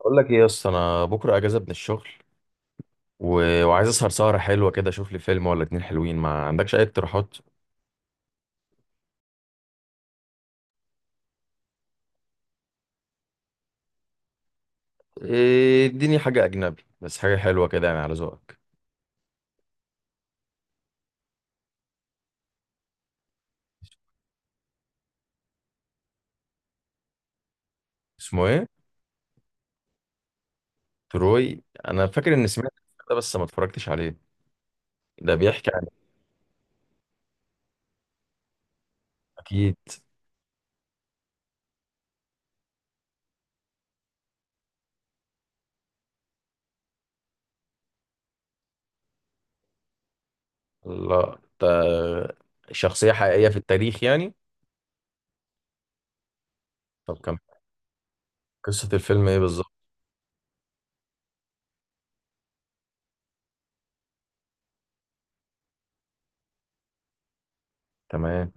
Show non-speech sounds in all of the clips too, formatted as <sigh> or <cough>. اقول لك ايه يا اسطى، انا بكره اجازه من الشغل. و... وعايز اسهر سهره حلوه كده، اشوف لي فيلم ولا اتنين حلوين. ما عندكش اي اقتراحات؟ اديني حاجه اجنبي، بس حاجه حلوه كده يعني على ذوقك. اسمه ايه؟ تروي، انا فاكر اني سمعت ده، بس ما اتفرجتش عليه. ده بيحكي عن... اكيد. لا ده شخصيه حقيقيه في التاريخ يعني؟ طب كم... قصه الفيلم ايه بالظبط؟ تمام.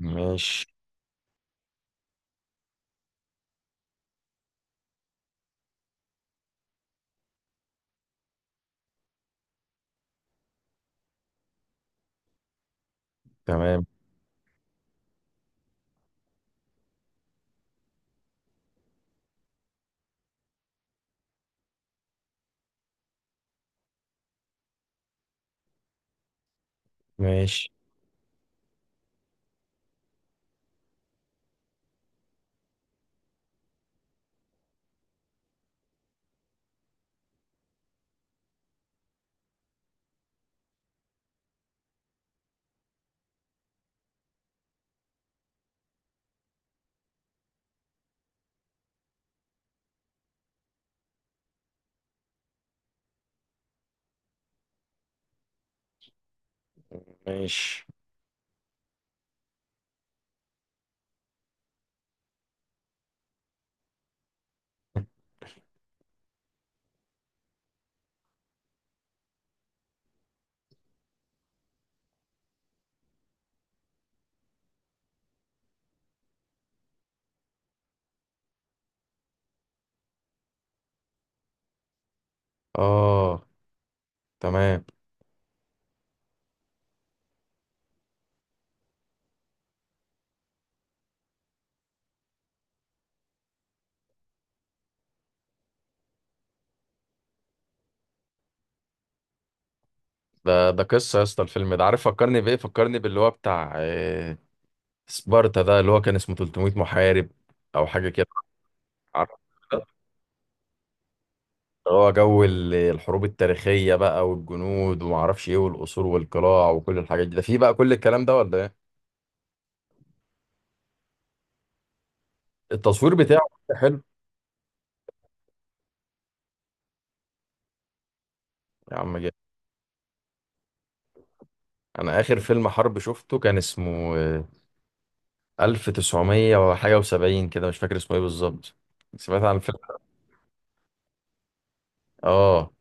ماشي. تمام. ماشي. ماشي. اه. تمام. ده قصة يا اسطى، الفيلم ده عارف فكرني بإيه؟ فكرني باللي هو بتاع سبارتا، ده اللي هو كان اسمه 300 محارب أو حاجة كده. عارف اللي هو جو الحروب التاريخية بقى والجنود ومعرفش إيه والقصور والقلاع وكل الحاجات دي، ده فيه بقى كل الكلام ده ولا إيه؟ التصوير بتاعه حلو. يا عم جد. أنا آخر فيلم حرب شفته كان اسمه 1900 وحاجة وسبعين كده، مش فاكر اسمه إيه بالظبط. سمعت عن الفيلم؟ آه.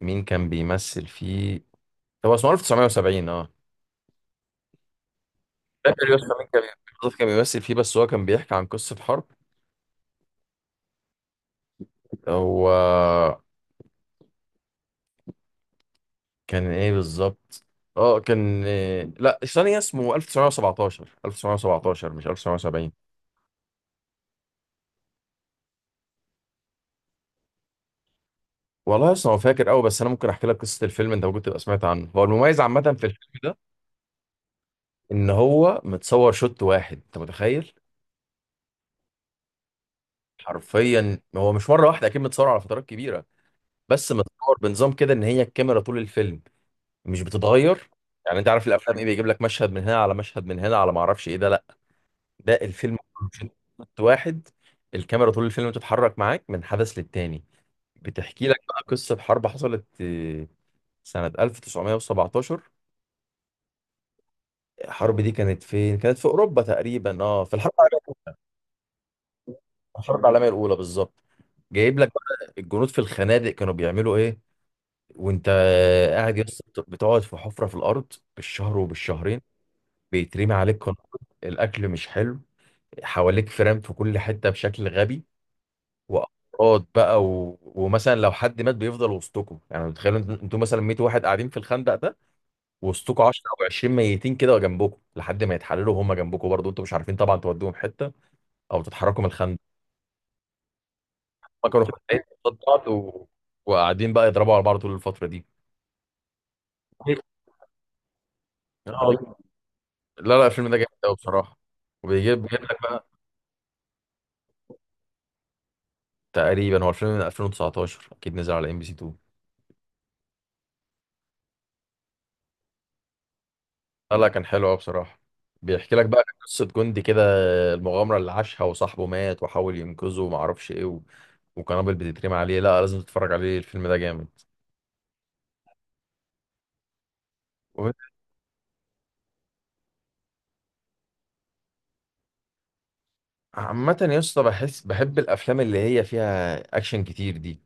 مين كان بيمثل فيه؟ هو اسمه 1970. اه. فاكر يا اسطى مين كان بالظبط كان بيمثل فيه؟ بس هو كان بيحكي عن قصة حرب. هو كان ايه بالظبط؟ اه كان إيه... لا ثانية، اسمه 1917، 1917 مش 1970. والله اصلا هو فاكر قوي. بس انا ممكن احكي لك قصة الفيلم، انت ممكن تبقى سمعت عنه. هو المميز عامة في الفيلم ده ان هو متصور شوت واحد، انت متخيل؟ حرفيا هو مش مرة واحدة، اكيد متصور على فترات كبيرة، بس متصور بنظام كده ان هي الكاميرا طول الفيلم مش بتتغير. يعني انت عارف الافلام ايه، بيجيب لك مشهد من هنا على مشهد من هنا على ما اعرفش ايه؟ ده لا، ده الفيلم <laughs> كله شوت واحد. الكاميرا طول الفيلم بتتحرك معاك من حدث للتاني. بتحكي لك بقى قصة حرب حصلت سنة 1917. الحرب دي كانت فين؟ كانت في أوروبا تقريبا، اه في الحرب العالمية الأولى. الحرب العالمية الأولى بالظبط. جايب لك بقى الجنود في الخنادق كانوا بيعملوا ايه. وانت قاعد يا اسطى، بتقعد في حفرة في الأرض بالشهر وبالشهرين، بيترمي عليك قنابل، الأكل مش حلو، حواليك فرام في كل حته بشكل غبي، وافراد بقى و... ومثلا لو حد مات بيفضل وسطكم. يعني تخيلوا انتوا مثلا 100 واحد قاعدين في الخندق ده، وسطكم 10 او 20 ميتين كده جنبكم لحد ما يتحللوا وهم جنبكم برضه، انتوا مش عارفين طبعا تودوهم حته او تتحركوا من الخندق. ما كانوا خايفين قصاد بعض و... وقاعدين بقى يضربوا على بعض طول الفتره دي. آه. لا لا، الفيلم ده جامد قوي بصراحه. وبيجيب لك بقى. تقريبا هو الفيلم من 2019، اكيد نزل على ام بي سي 2. لا لا كان حلو قوي بصراحة. بيحكي لك بقى قصة جندي كده، المغامرة اللي عاشها وصاحبه مات وحاول ينقذه وما اعرفش ايه و... وقنابل بتترمي عليه. لا لازم تتفرج عليه، الفيلم ده جامد. و- عامة يا اسطى بحس بحب الافلام اللي هي فيها اكشن كتير دي.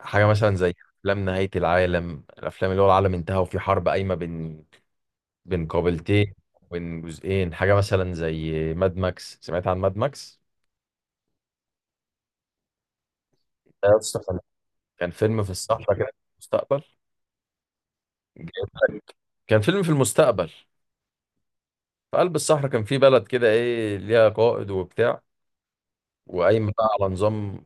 حاجة مثلا زي افلام نهاية العالم، الافلام اللي هو العالم انتهى وفي حرب قايمة بين قابلتين، بين جزئين. حاجة مثلا زي ماد ماكس، سمعت عن ماد ماكس؟ ده يا اسطى كان فيلم في الصحراء كده في المستقبل. كان فيلم في المستقبل في قلب الصحراء، كان في بلد كده ايه ليها قائد وبتاع، وقايم بقى على نظام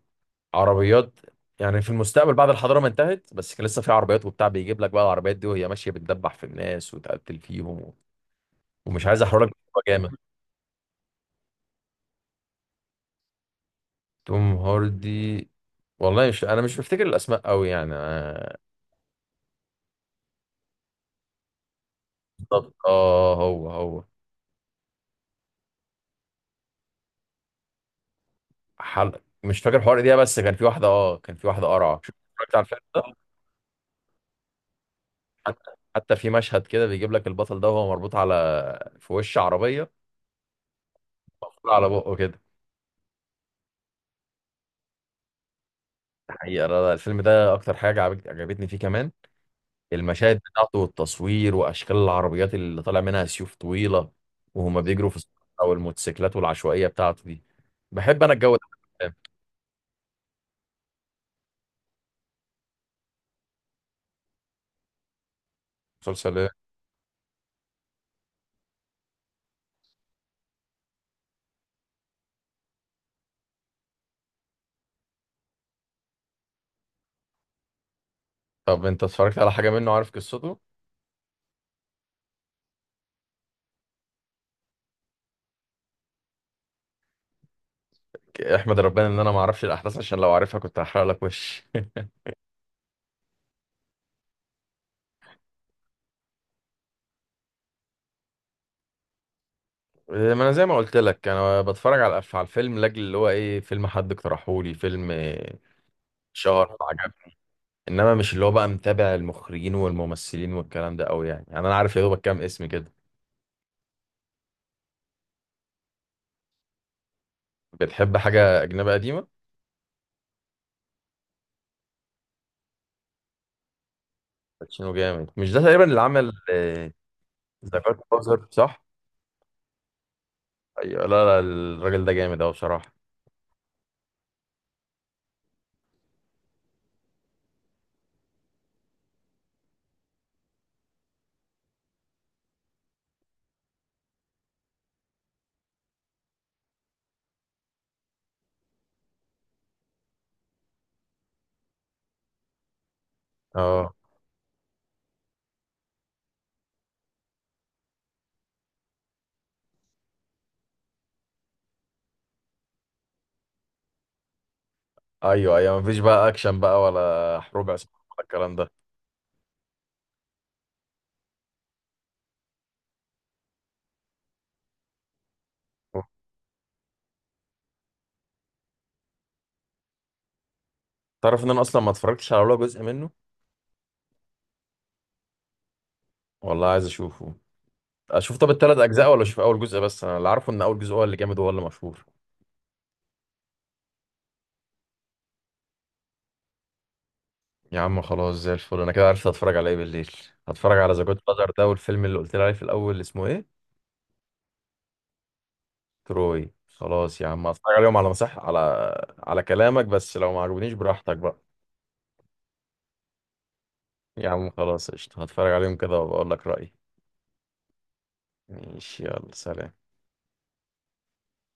عربيات. يعني في المستقبل بعد الحضاره ما انتهت، بس كان لسه في عربيات وبتاع. بيجيب لك بقى العربيات دي وهي ماشيه بتدبح في الناس وتقتل فيهم و... ومش عايز احرق لك، الموضوع جامد. توم هاردي؟ والله مش، انا مش بفتكر الاسماء قوي يعني بالظبط اه هو هو. حلقه مش فاكر حوار ايه، بس كان في واحده اه كان في واحده قرعه اتفرجت على الفيلم ده. حتى في مشهد كده بيجيب لك البطل ده وهو مربوط على في وش عربيه، مقفول على بقه كده. حقيقه لا لا، الفيلم ده اكتر حاجه عجبتني فيه كمان المشاهد بتاعته والتصوير واشكال العربيات اللي طالع منها سيوف طويله وهما بيجروا في الصحراء، او الموتوسيكلات والعشوائيه بتاعته دي. بحب انا الجو ده. مسلسل ايه؟ طب انت اتفرجت على حاجه منه؟ عارف قصته؟ احمد ربنا ان انا ما اعرفش الاحداث، عشان لو عارفها كنت هحرق لك وش. ما انا زي ما قلت لك، انا بتفرج على على الفيلم لاجل اللي هو ايه، فيلم حد اقترحه لي، فيلم شهر، عجب. انما مش اللي هو بقى متابع المخرجين والممثلين والكلام ده قوي يعني، يعني انا عارف يا دوبك كام اسم كده. بتحب حاجه اجنبيه قديمه؟ باتشينو جامد. مش ده تقريبا اللي عمل ذا جاد فازر؟ صح؟ ايوه. لا لا الراجل ده جامد قوي بصراحه. اه. ايوه ايوه، مفيش بقى اكشن بقى ولا حروب عصابات ولا الكلام ده. تعرف ان انا اصلا ما اتفرجتش على ولا جزء منه. والله عايز اشوفه. اشوف طب التلات اجزاء ولا اشوف اول جزء بس؟ انا اللي عارفه ان اول جزء هو اللي جامد وهو اللي مشهور. يا عم خلاص زي الفل، انا كده عرفت هتفرج على ايه بالليل. هتفرج على ذا جود فازر ده والفيلم اللي قلت لي عليه في الاول اللي اسمه ايه؟ تروي. خلاص يا عم، هتفرج عليهم على مساح، على كلامك، بس لو ما عجبنيش براحتك بقى. يا عم خلاص قشطة، هتفرج عليهم كده وبقول لك رأيي. ماشي يلا سلام.